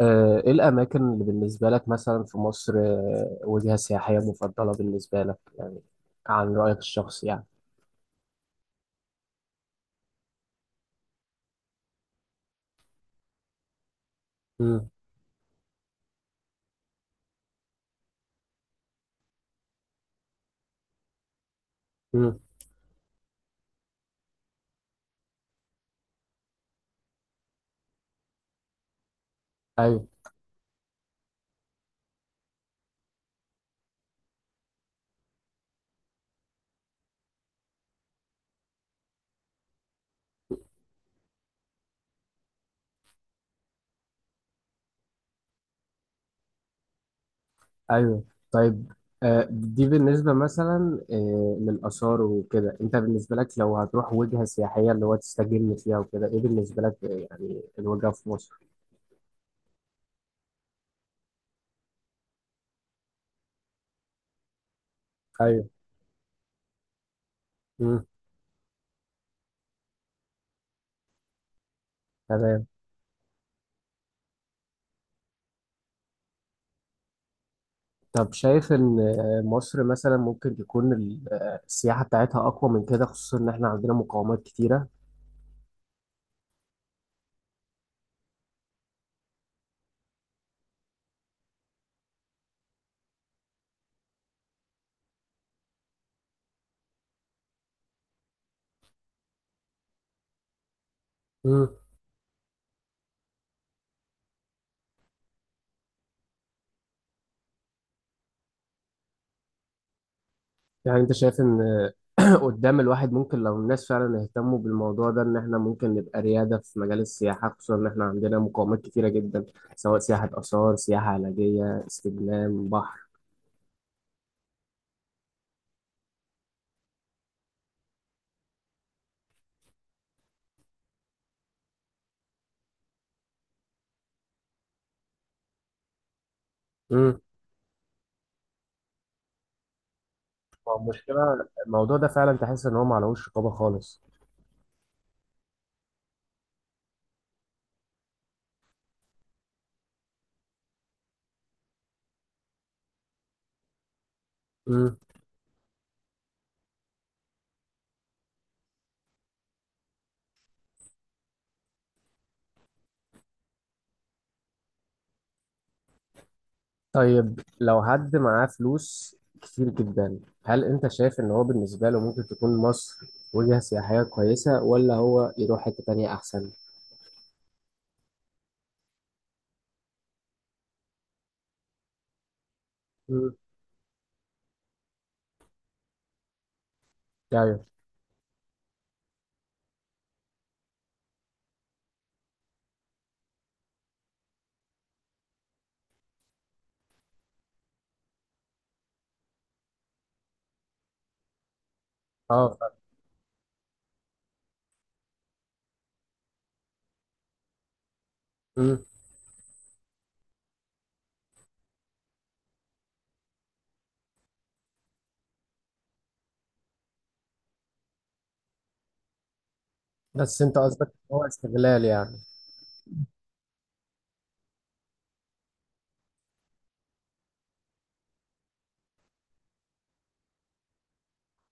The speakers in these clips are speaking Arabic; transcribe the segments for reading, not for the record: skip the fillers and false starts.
ايه الاماكن اللي بالنسبه لك مثلا في مصر، وجهه سياحيه مفضله بالنسبه لك يعني؟ عن رايك الشخصي يعني. امم. امم. ايوه. ايوه. طيب. دي بالنسبه مثلا للاثار وكده، انت بالنسبه لك لو هتروح وجهه سياحيه اللي هو تستجم فيها وكده، ايه بالنسبه لك يعني الوجهه في مصر؟ ايوه. امم. تمام. طب شايف ان مصر مثلا ممكن تكون السياحه بتاعتها اقوى من كده، خصوصا ان احنا عندنا مقاومات كتيره؟ يعني انت شايف ان قدام الواحد، ممكن لو الناس فعلا اهتموا بالموضوع ده، ان احنا ممكن نبقى ريادة في مجال السياحة، خصوصا ان احنا عندنا مقومات كتيرة جدا، سواء سياحة آثار، سياحة علاجية، استجمام، بحر؟ امم. هو المشكلة الموضوع ده فعلا، تحس ان هو معلهوش رقابة خالص. امم. طيب، لو حد معاه فلوس كتير جدا، هل انت شايف ان هو بالنسبة له ممكن تكون مصر وجهة سياحية كويسة، ولا هو يروح حتة تانية احسن؟ امم. ايوه. اه. بس انت قصدك إن هو استغلال يعني؟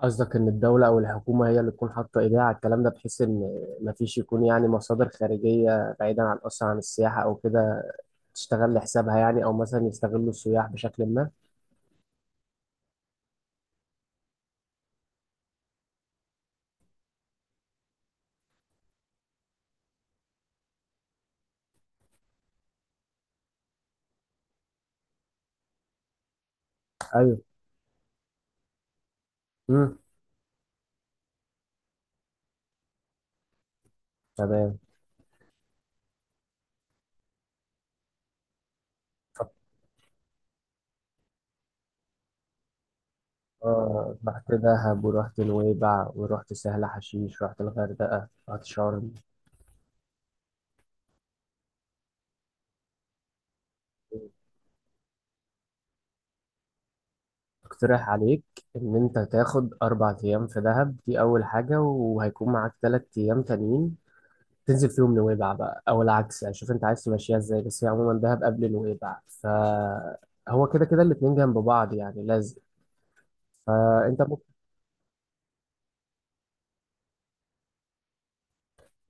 قصدك ان الدولة او الحكومة هي اللي تكون حاطة ايديها على الكلام ده، بحيث ان مفيش يكون يعني مصادر خارجية بعيدا عن اصلا عن السياحة او كده، تشتغل لحسابها يعني، او مثلا يستغلوا السياح بشكل ما؟ ايوه. امم. تمام. طب، رحت دهب، ورحت نويبع، ورحت سهل حشيش، رحت الغردقة، رحت شرم. اقترح عليك ان انت تاخد 4 أيام في دهب، دي اول حاجة، وهيكون معاك 3 أيام تانيين. تنزل في يوم نويبع بقى، او العكس يعني، شوف انت عايز تمشيها ازاي، بس هي عموما دهب قبل نويبع، فهو كده كده الاتنين جنب بعض يعني لازم. فانت ممكن.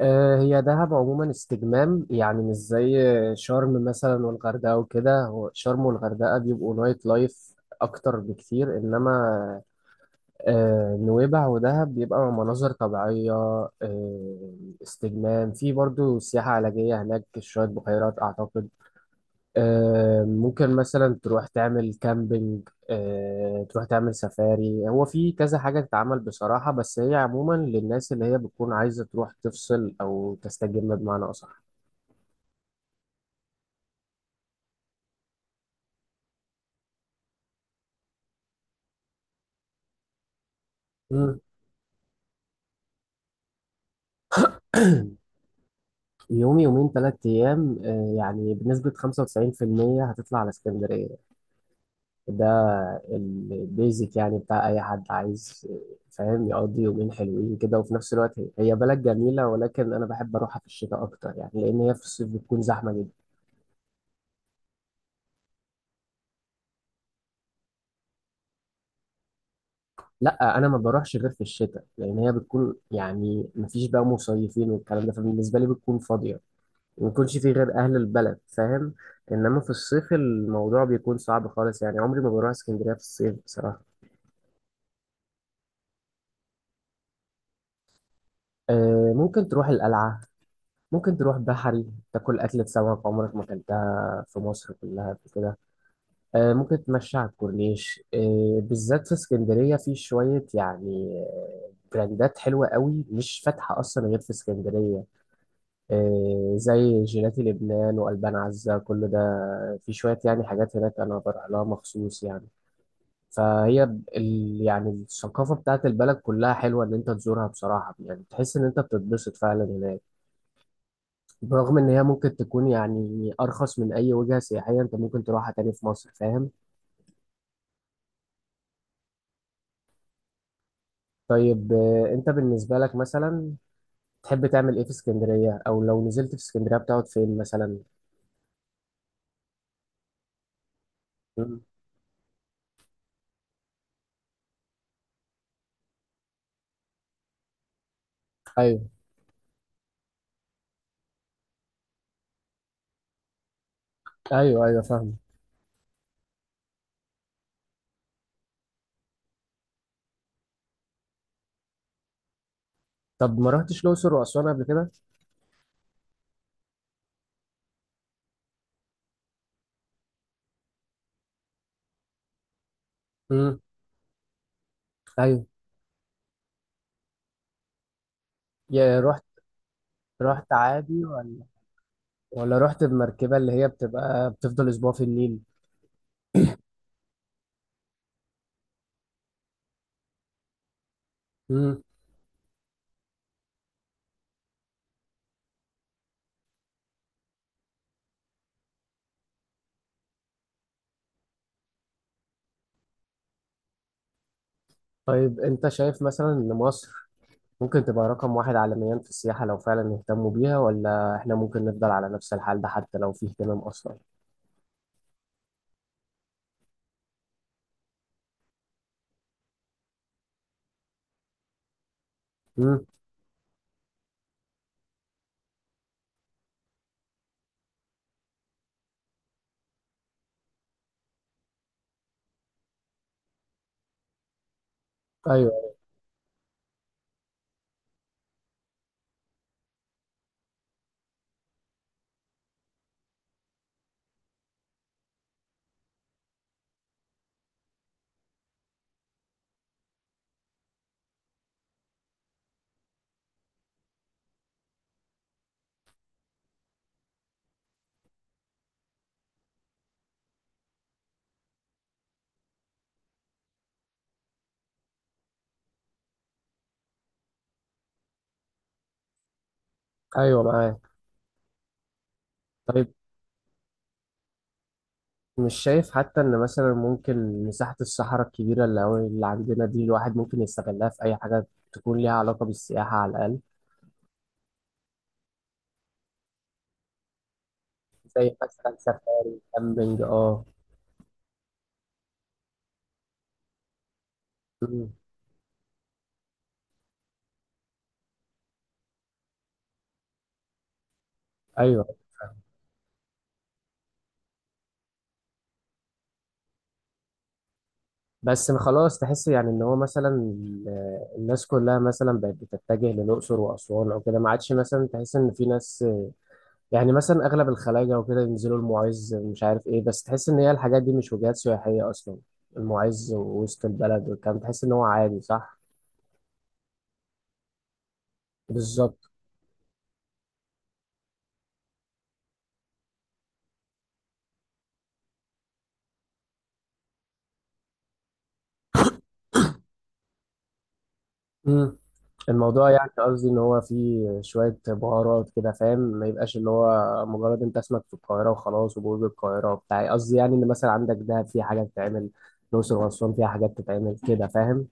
هي دهب عموما استجمام، يعني مش زي شرم مثلا والغردقه وكده. هو شرم والغردقه بيبقوا نايت لايف اكتر بكتير، انما نويبع ودهب بيبقى مناظر طبيعيه، آه، استجمام، في برضو سياحه علاجيه هناك، شويه بحيرات اعتقد. ممكن مثلا تروح تعمل كامبينج، تروح تعمل سفاري، هو في كذا حاجة تتعمل بصراحة، بس هي عموما للناس اللي هي بتكون عايزة تروح تفصل أو تستجم بمعنى أصح. مم. يوم، يومين، 3 أيام، يعني بنسبة 95% هتطلع على اسكندرية. ده البيزك يعني بتاع أي حد عايز، فاهم، يقضي يومين حلوين كده. وفي نفس الوقت هي بلد جميلة، ولكن أنا بحب أروحها في الشتاء أكتر يعني، لأن هي في الصيف بتكون زحمة. لا، انا ما بروحش غير في الشتاء، لان هي بتكون يعني ما فيش بقى مصيفين والكلام ده، فبالنسبه لي بتكون فاضيه، ما يكونش في غير اهل البلد، فاهم. انما في الصيف الموضوع بيكون صعب خالص يعني، عمري ما بروح اسكندريه في الصيف بصراحه. ممكن تروح القلعه، ممكن تروح بحري، تاكل اكله سمك عمرك ما اكلتها في مصر كلها قبل كده. ممكن تمشي على الكورنيش. بالذات في اسكندريه في شويه يعني براندات حلوه قوي مش فاتحه اصلا غير في اسكندريه. زي جيلاتي لبنان وألبان عزة، كل ده. في شوية يعني حاجات هناك أنا بروح لها مخصوص يعني. فهي ب- ال يعني الثقافة بتاعت البلد كلها حلوة إن أنت تزورها بصراحة يعني، تحس إن أنت بتتبسط فعلا هناك. برغم إن هي ممكن تكون يعني أرخص من أي وجهة سياحية أنت ممكن تروحها تاني في مصر، فاهم. طيب، أنت بالنسبة لك مثلا تحب تعمل إيه في اسكندرية، أو لو نزلت في اسكندرية بتقعد فين مثلا؟ مم. أيوه. أيوه. أيوه، فاهم. طب ما رحتش الأقصر وأسوان قبل كده؟ ايوه. يا رحت. رحت عادي، ولا رحت بمركبه اللي هي بتبقى بتفضل اسبوع في النيل؟ امم. طيب، انت شايف مثلا ان مصر ممكن تبقى رقم واحد عالميا في السياحه لو فعلا اهتموا بيها، ولا احنا ممكن نفضل على نفس الحال ده حتى لو في اهتمام اصلا؟ امم. ايوه. ايوه، معاك. طيب، مش شايف حتى ان مثلا ممكن مساحه الصحراء الكبيره اللي عندنا دي، الواحد ممكن يستغلها في اي حاجه تكون ليها علاقه بالسياحه على الاقل، زي مثلا سفاري، كامبينج، اه؟ امم. ايوه. بس خلاص تحس يعني ان هو مثلا الناس كلها مثلا بقت بتتجه للاقصر واسوان او كده، ما عادش مثلا تحس ان في ناس يعني مثلا اغلب الخلايجه وكده ينزلوا المعز، مش عارف ايه، بس تحس ان هي الحاجات دي مش وجهات سياحيه اصلا. المعز ووسط البلد والكلام، تحس ان هو عادي، صح؟ بالظبط. مم. الموضوع يعني قصدي ان هو فيه شوية بهارات كده، فاهم، ما يبقاش اللي هو مجرد انت اسمك في القاهرة وخلاص، وبرج القاهرة وبتاع. قصدي يعني ان مثلا عندك دهب فيها حاجات تتعمل، الأقصر وأسوان فيها حاجات تتعمل كده، فاهم.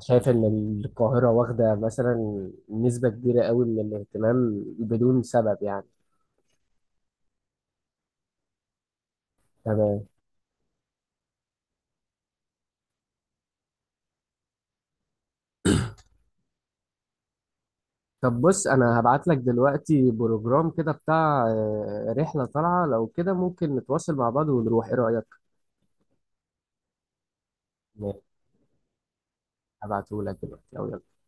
شايف ان القاهرة واخدة مثلا نسبة كبيرة قوي من الاهتمام بدون سبب يعني. تمام. طب بص، انا هبعت لك دلوقتي بروجرام كده بتاع رحلة طالعة، لو كده ممكن نتواصل مع بعض ونروح، ايه رأيك؟ هبعته لك دلوقتي، أو يلا.